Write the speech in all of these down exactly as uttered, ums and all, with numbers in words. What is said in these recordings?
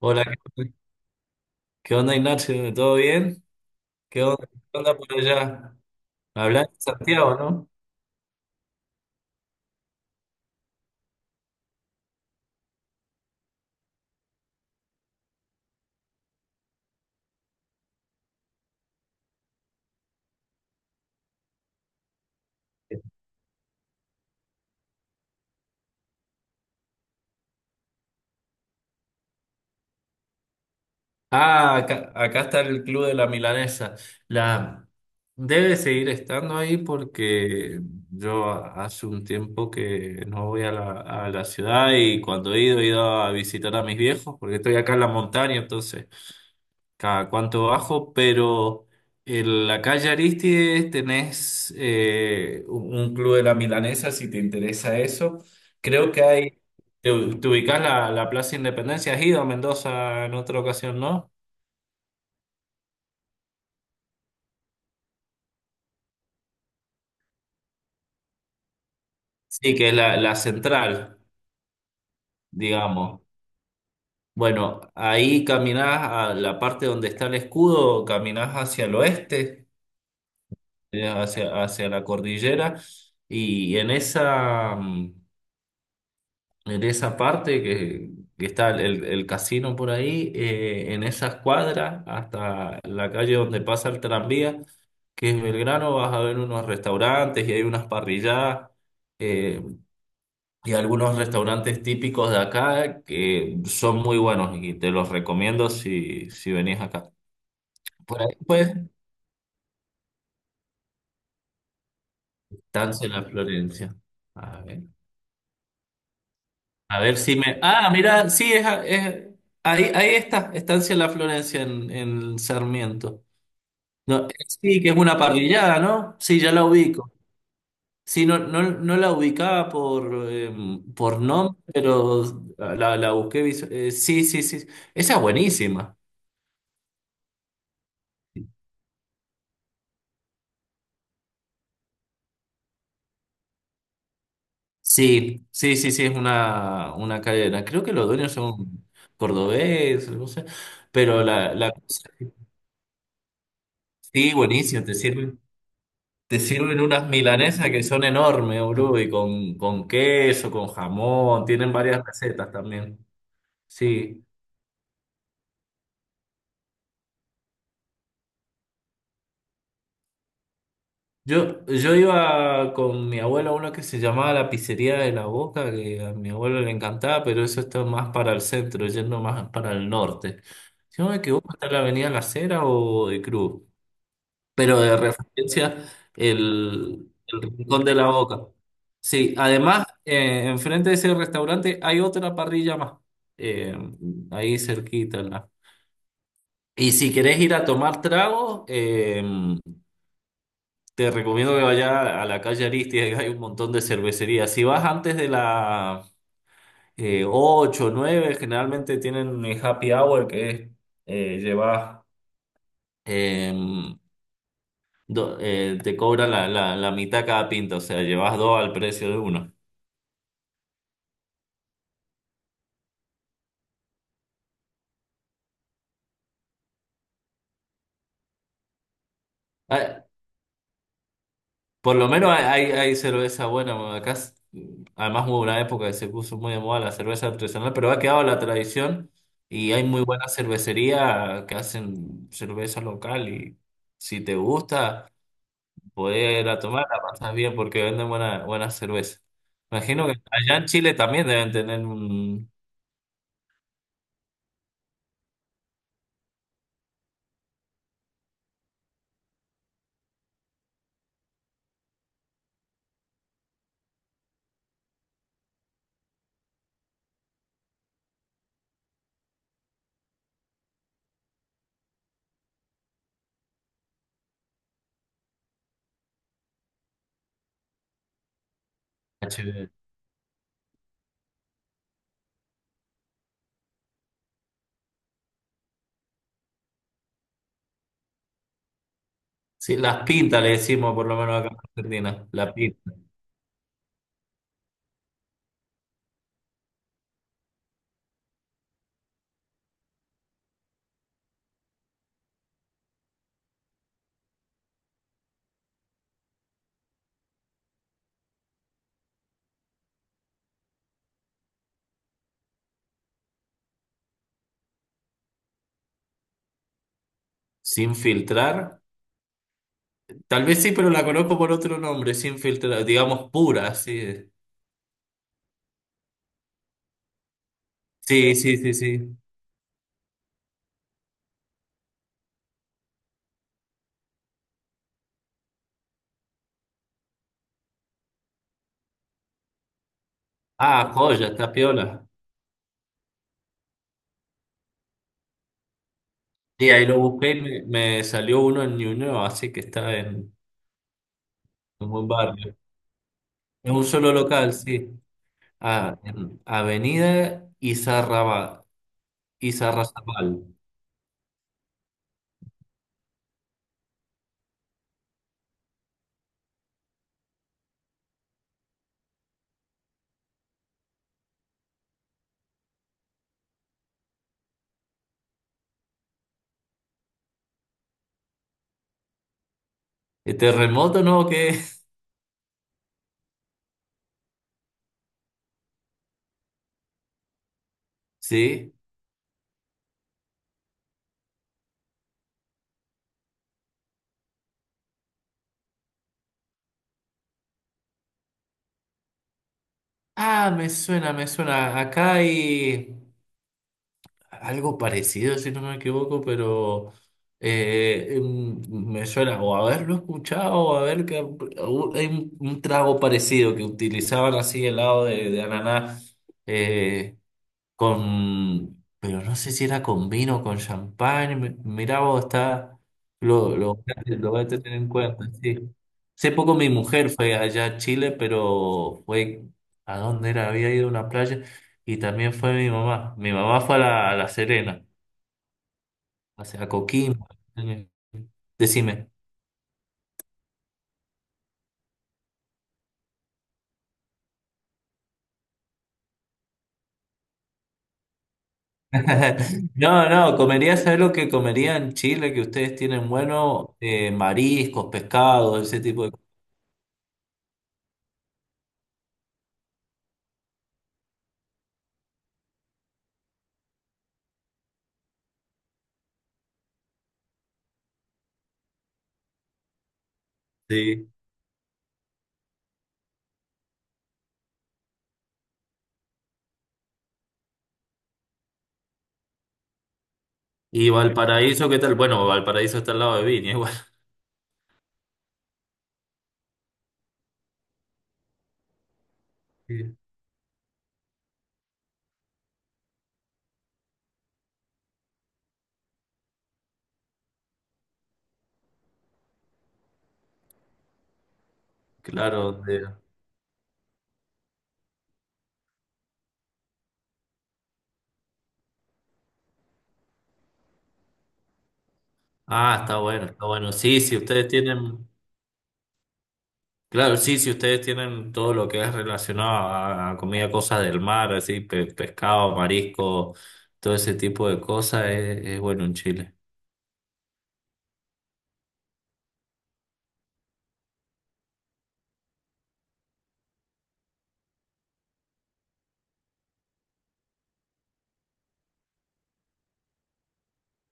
Hola, ¿qué qué onda, Ignacio? ¿Todo bien? ¿Qué onda, qué onda por allá? Hablas de Santiago, ¿no? Ah, acá, acá está el Club de la Milanesa. La, debe seguir estando ahí porque yo a- hace un tiempo que no voy a la, a la ciudad, y cuando he ido, he ido a visitar a mis viejos porque estoy acá en la montaña, entonces cada cuánto bajo. Pero en la calle Aristides tenés eh, un un Club de la Milanesa, si te interesa eso. Creo que hay, te, te ubicás la, la Plaza Independencia, has ido a Mendoza en otra ocasión, ¿no? Sí, que es la, la central, digamos. Bueno, ahí caminás a la parte donde está el escudo, caminás hacia el oeste, eh, hacia, hacia la cordillera, y en esa, mm, en esa parte que, que está el, el casino por ahí, eh, en esa escuadra, hasta la calle donde pasa el tranvía, que es Belgrano, vas a ver unos restaurantes y hay unas parrilladas eh, y algunos restaurantes típicos de acá que son muy buenos, y te los recomiendo si, si venís acá. Por ahí, pues, Estancia La Florencia. A ver, a ver si me... Ah, mira, sí, es, a- es- ahí, ahí está, Estancia La Florencia en, en Sarmiento. No, sí, que es una parrillada, ¿no? Sí, ya la ubico. Sí, no, no, no la ubicaba por, eh, por nombre, pero la, la busqué. Visu- eh, sí, sí, sí. Esa es buenísima. Sí, sí, sí, sí, es una, una cadena. Creo que los dueños son cordobés, no sé. Pero la, la, sí, buenísimo, te sirven, te sirven unas milanesas que son enormes, boludo, y con, con queso, con jamón, tienen varias recetas también. Sí. Yo, yo iba con mi abuelo a uno que se llamaba la Pizzería de la Boca, que a mi abuelo le encantaba, pero eso está más para el centro, yendo más para el norte. Si no me equivoco, está en la Avenida La Cera o de Cruz, pero de referencia el, el Rincón de la Boca. Sí, además, eh, enfrente de ese restaurante hay otra parrilla más, eh, ahí cerquita, ¿no? Y si querés ir a tomar tragos, eh, te recomiendo que vayas a la calle Aristides, que hay un montón de cervecerías. Si vas antes de la eh, ocho o nueve, generalmente tienen eh, happy hour, que es eh, llevas, em, do- eh, te cobran la, la, la mitad cada pinta, o sea, llevas dos al precio de uno. Ah, por lo menos hay, hay cerveza buena. Acá, s- además, hubo una época que se puso muy de moda la cerveza artesanal, pero ha quedado la tradición, y hay muy buena cervecería que hacen cerveza local, y si te gusta, podés ir a tomar, la pasas bien porque venden buena, buena cerveza. Imagino que allá en Chile también deben tener un... H B. Sí, las pintas le decimos, por lo menos acá en Argentina, la pinta. Sin filtrar. Tal vez sí, pero la conozco por otro nombre, sin filtrar, digamos pura, sí. Sí, sí, sí, sí. Ah, joya, está piola. Sí, ahí lo busqué y me, me salió uno en Ñuñoa, así que está en un buen barrio. En un solo local, sí. Ah, en Avenida Izarraba, Izarrazabal. ¿El terremoto no? ¿O qué? Sí. Ah, me suena, me suena. Acá hay algo parecido, si no me equivoco, pero eh, em, me suena o haberlo escuchado o haber que o hay un, un trago parecido que utilizaban así helado de, de ananá. eh, con, pero no sé si era con vino o con champán. Mi- Mirá vos, está, lo, lo, lo voy a tener en cuenta, sí. Hace poco mi mujer fue allá a Chile, pero fue a dónde era, había ido a una playa, y también fue mi mamá. Mi mamá fue a La, a La Serena, o sea, a Coquimbo. Decime. No, no, comería. ¿Sabes lo que comería en Chile que ustedes tienen bueno? Eh, mariscos, pescados, ese tipo de cosas. ¿Y Valparaíso qué tal? Bueno, Valparaíso está al lado de Viña, igual. Sí. Claro, donde- Ah, está bueno, está bueno. Sí, si ustedes tienen, claro, sí, si ustedes tienen todo lo que es relacionado a, a comida, cosas del mar, así, pe- pescado, marisco, todo ese tipo de cosas, es, es bueno en Chile.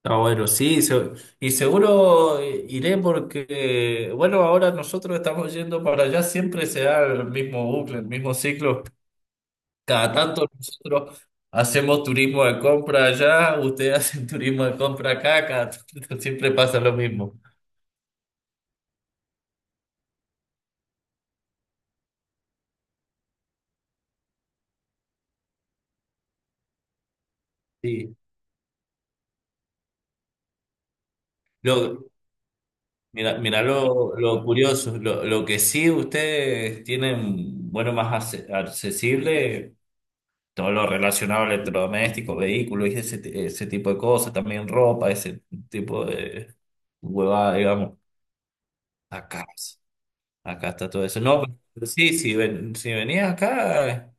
Está bueno, sí, se- y seguro iré porque, bueno, ahora nosotros estamos yendo para allá, siempre se da el mismo bucle, el mismo ciclo. Cada tanto nosotros hacemos turismo de compra allá, ustedes hacen turismo de compra acá, cada tanto siempre pasa lo mismo. Sí. Lo, mira, mira lo, lo curioso, lo, lo que sí ustedes tienen, bueno, más ace- accesible, todo lo relacionado a electrodomésticos, vehículos y ese, ti- ese tipo de cosas, también ropa, ese tipo de huevada, digamos. Acá, acá está todo eso. No, pero sí, si, ven, si venías acá.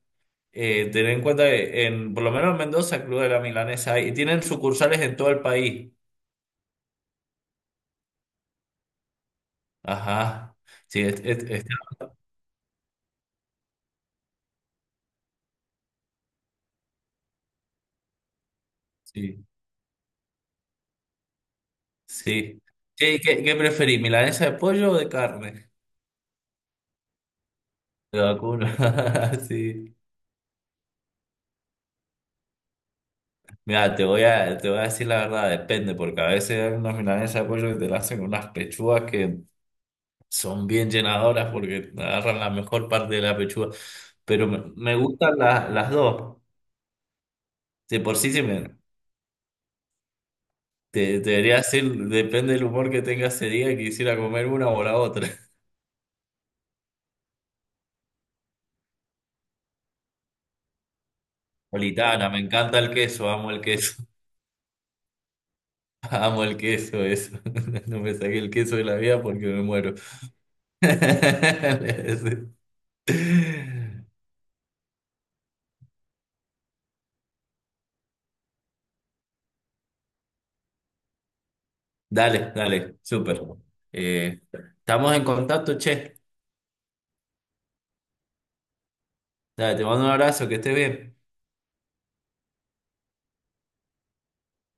Eh, tener en cuenta que en, por lo menos en Mendoza, Club de la Milanesa hay, y tienen sucursales en todo el país. Ajá. Sí, es- es- es- sí, sí. ¿Qué, qué, qué preferís, milanesa de pollo o de carne? De vacuna. Sí. Mira, te voy a, te voy a decir la verdad, depende, porque a veces hay unas milanesas de pollo que te la hacen con unas pechugas que son bien llenadoras porque agarran la mejor parte de la pechuga. Pero me, me gustan la- las dos. De por sí, sí me, Te, te debería decir, depende del humor que tenga ese día, quisiera comer una o la otra. Napolitana, me encanta el queso, amo el queso. Amo el queso, eso. No me saqué el queso de la vida porque me muero. Dale, dale, súper. Eh, estamos en contacto, che. Dale, te mando un abrazo, que estés bien.